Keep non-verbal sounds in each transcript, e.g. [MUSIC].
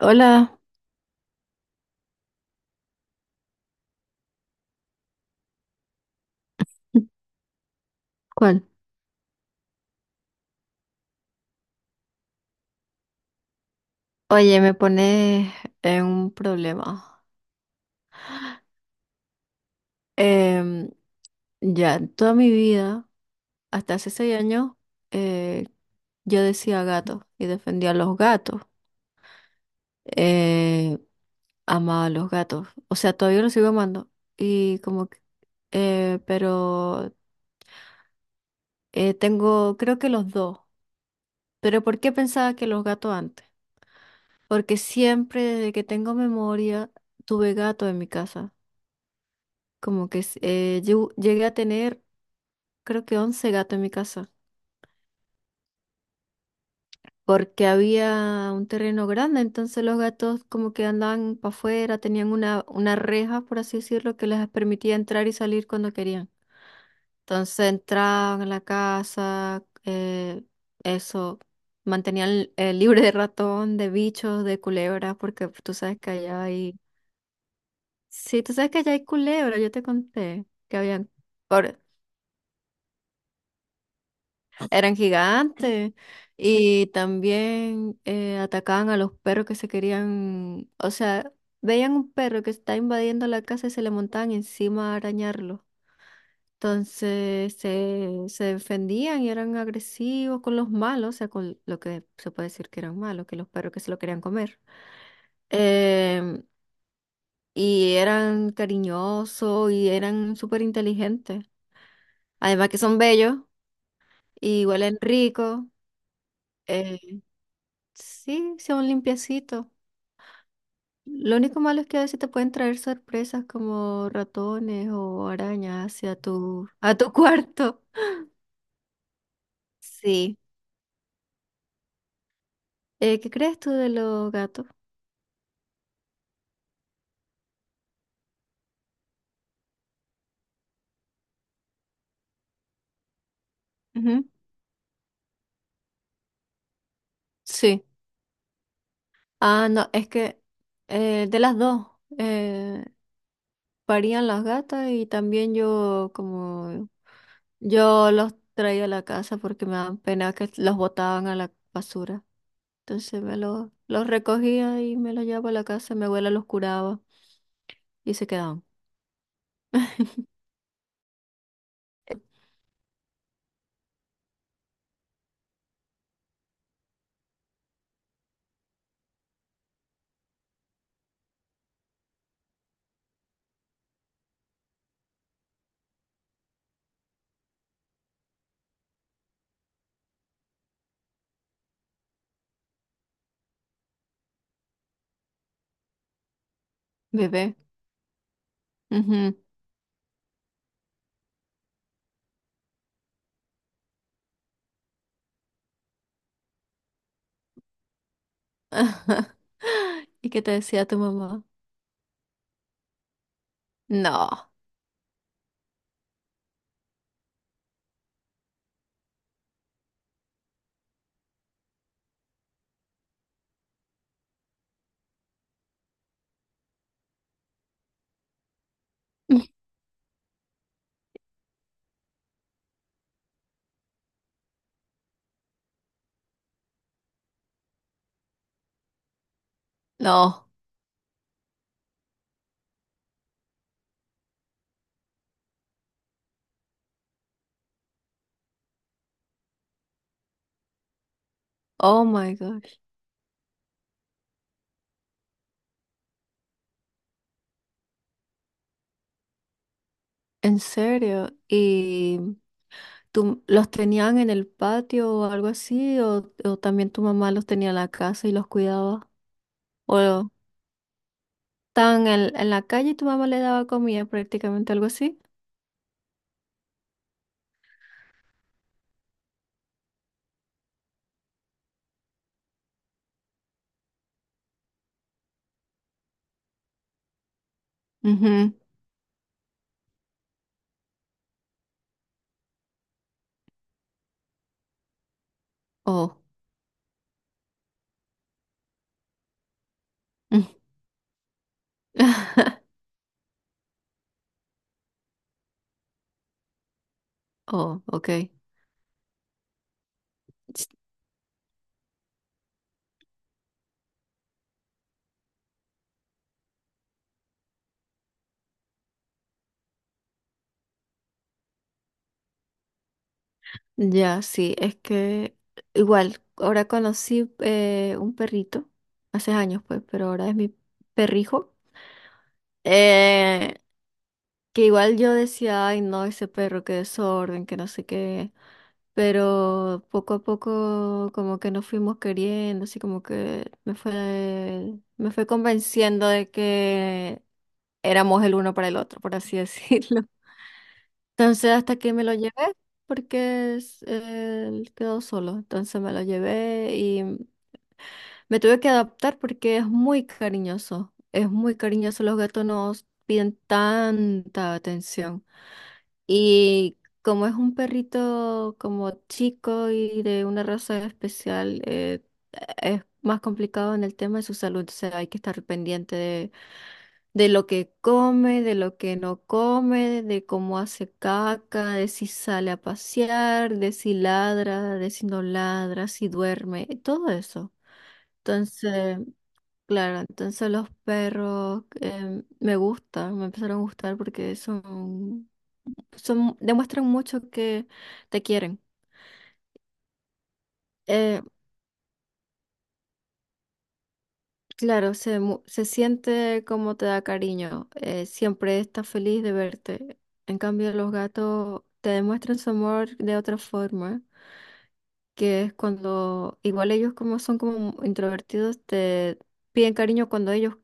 Hola, ¿cuál? Oye, me pones en un problema. Em, ya, toda mi vida, hasta hace 6 años, eh, yo decía gato y defendía a los gatos. Eh, Amaba a los gatos. O sea, todavía los sigo amando. Y como que, pero Tengo, creo que los dos. Pero ¿por qué pensaba que los gatos antes? Porque siempre desde que tengo memoria tuve gatos en mi casa. Yo llegué a tener, creo que 11 gatos en mi casa, porque había un terreno grande, entonces los gatos como que andaban para afuera, tenían una reja, por así decirlo, que les permitía entrar y salir cuando querían. Entonces entraban a la casa, eso, mantenían libre de ratón, de bichos, de culebras, porque tú sabes que allá hay. Sí, tú sabes que allá hay culebras, yo te conté que habían. Eran gigantes y también atacaban a los perros que se querían, o sea, veían un perro que está invadiendo la casa y se le montaban encima a arañarlo. Entonces se defendían y eran agresivos con los malos, o sea, con lo que se puede decir que eran malos, que los perros que se lo querían comer. Em, y eran cariñosos y eran súper inteligentes. Además que son bellos y huelen rico. eh, Sí, sea un limpiecito. Lo único malo es que a veces te pueden traer sorpresas como ratones o arañas hacia a tu [LAUGHS] cuarto. Sí. ¿Qué crees tú de los gatos? Ujú. Sí. Ah, no, es que de las dos, eh, parían las gatas y también yo, como yo los traía a la casa porque me daban pena que los botaban a la basura. Entonces me los recogía y me los llevaba a la casa, mi abuela los curaba y se quedaban. Bebé. Ujú. [LAUGHS] ¿Y qué te decía tu mamá? No, [LAUGHS] no. Oh my gosh. ¿En serio? ¿Y tú los tenían en el patio o algo así? O también tu mamá los tenía en la casa y los cuidaba? ¿O estaban en la calle y tu mamá le daba comida prácticamente, algo así? Ujú. Oh. [LAUGHS] Oh, ok. Ya, sí, es que igual, ahora conocí un perrito, hace años pues, pero ahora es mi perrijo, eh, que igual yo decía, ay no, ese perro, qué desorden, que no sé qué, pero poco a poco como que nos fuimos queriendo, así como que me fue convenciendo de que éramos el uno para el otro, por así [LAUGHS] decirlo. Entonces hasta que me lo llevé, porque él quedó solo, entonces me lo llevé y me tuve que adaptar porque es muy cariñoso, los gatos nos piden tanta atención. Y como es un perrito como chico y de una raza especial, es más complicado en el tema de su salud. O sea, hay que estar pendiente de lo que come, de lo que no come, de cómo hace caca, de si sale a pasear, de si ladra, de si no ladra, si duerme, todo eso. Entonces, claro, entonces los perros, me gustan, me empezaron a gustar porque son, demuestran mucho que te quieren. Eh, claro, se, se siente como te da cariño, siempre está feliz de verte. En cambio, los gatos te demuestran su amor de otra forma, que es cuando, igual ellos como son como introvertidos, te piden cariño cuando ellos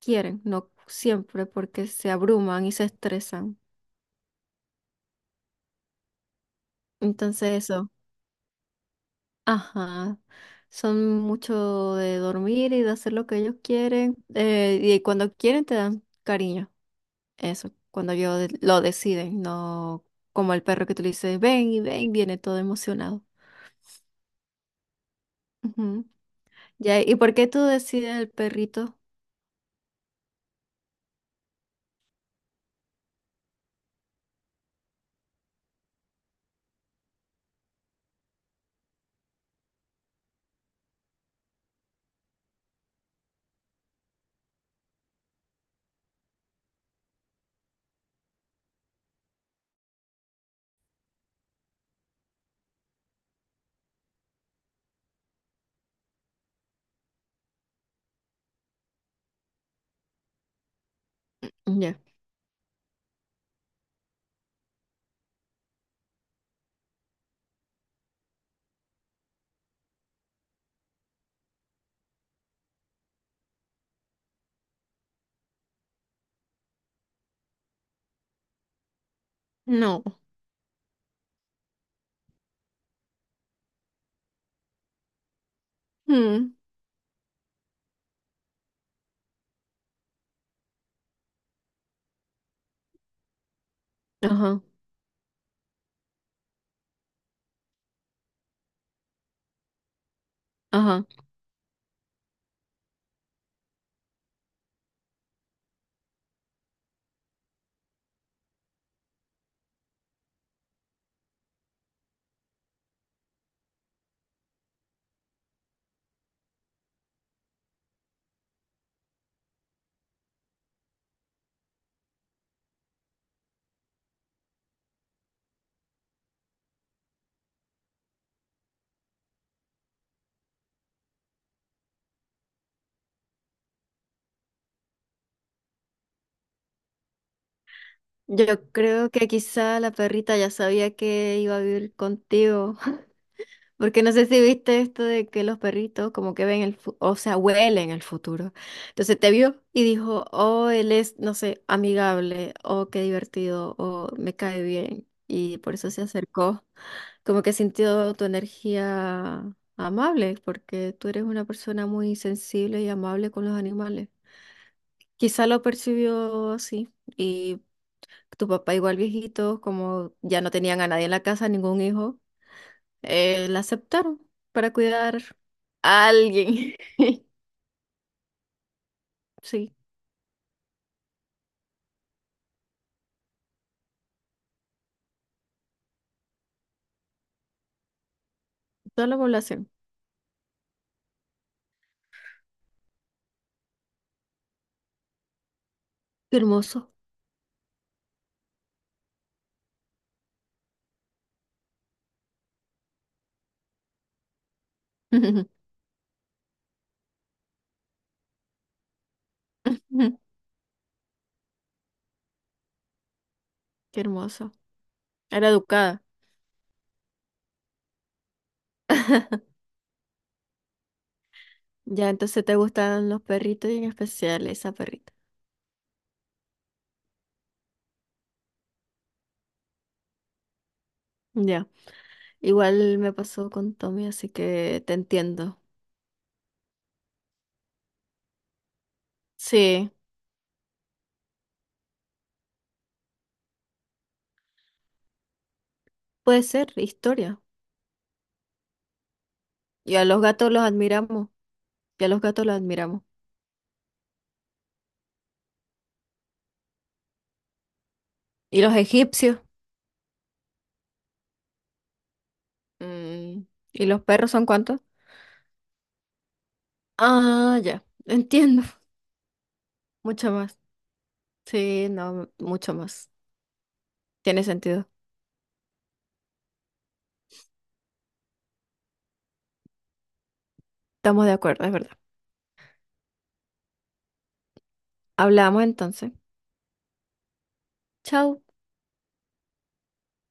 quieren, no siempre porque se abruman y se estresan. Entonces eso. Ajá, son mucho de dormir y de hacer lo que ellos quieren. Y cuando quieren te dan cariño. Eso, cuando ellos lo deciden, no como el perro que tú le dices, ven y ven, viene todo emocionado. Ujú. Ya, ¿y por qué tú decides el perrito? Ya. No. Mm, ajá, ajá. Yo creo que quizá la perrita ya sabía que iba a vivir contigo. Porque no sé si viste esto de que los perritos como que ven el, o sea, huelen el futuro. Entonces te vio y dijo, oh, él es, no sé, amigable, oh, qué divertido, oh, me cae bien. Y por eso se acercó. Como que sintió tu energía amable, porque tú eres una persona muy sensible y amable con los animales. Quizá lo percibió así. Y tu papá igual viejito, como ya no tenían a nadie en la casa, ningún hijo. La aceptaron para cuidar a alguien. [LAUGHS] Sí, toda la población. Qué hermoso. [LAUGHS] Qué hermoso. Era educada. Ya, entonces te gustaban los perritos y en especial esa perrita. Ya. Igual me pasó con Tommy, así que te entiendo. Sí, puede ser historia. Y a los gatos los admiramos. Y a los gatos los admiramos. ¿Y los egipcios? Mm, ¿y los perros son cuántos? Ah, ya. Entiendo. [LAUGHS] Mucho más. Sí, no, mucho más. Tiene sentido. Estamos de acuerdo, es verdad. Hablamos entonces. Chao.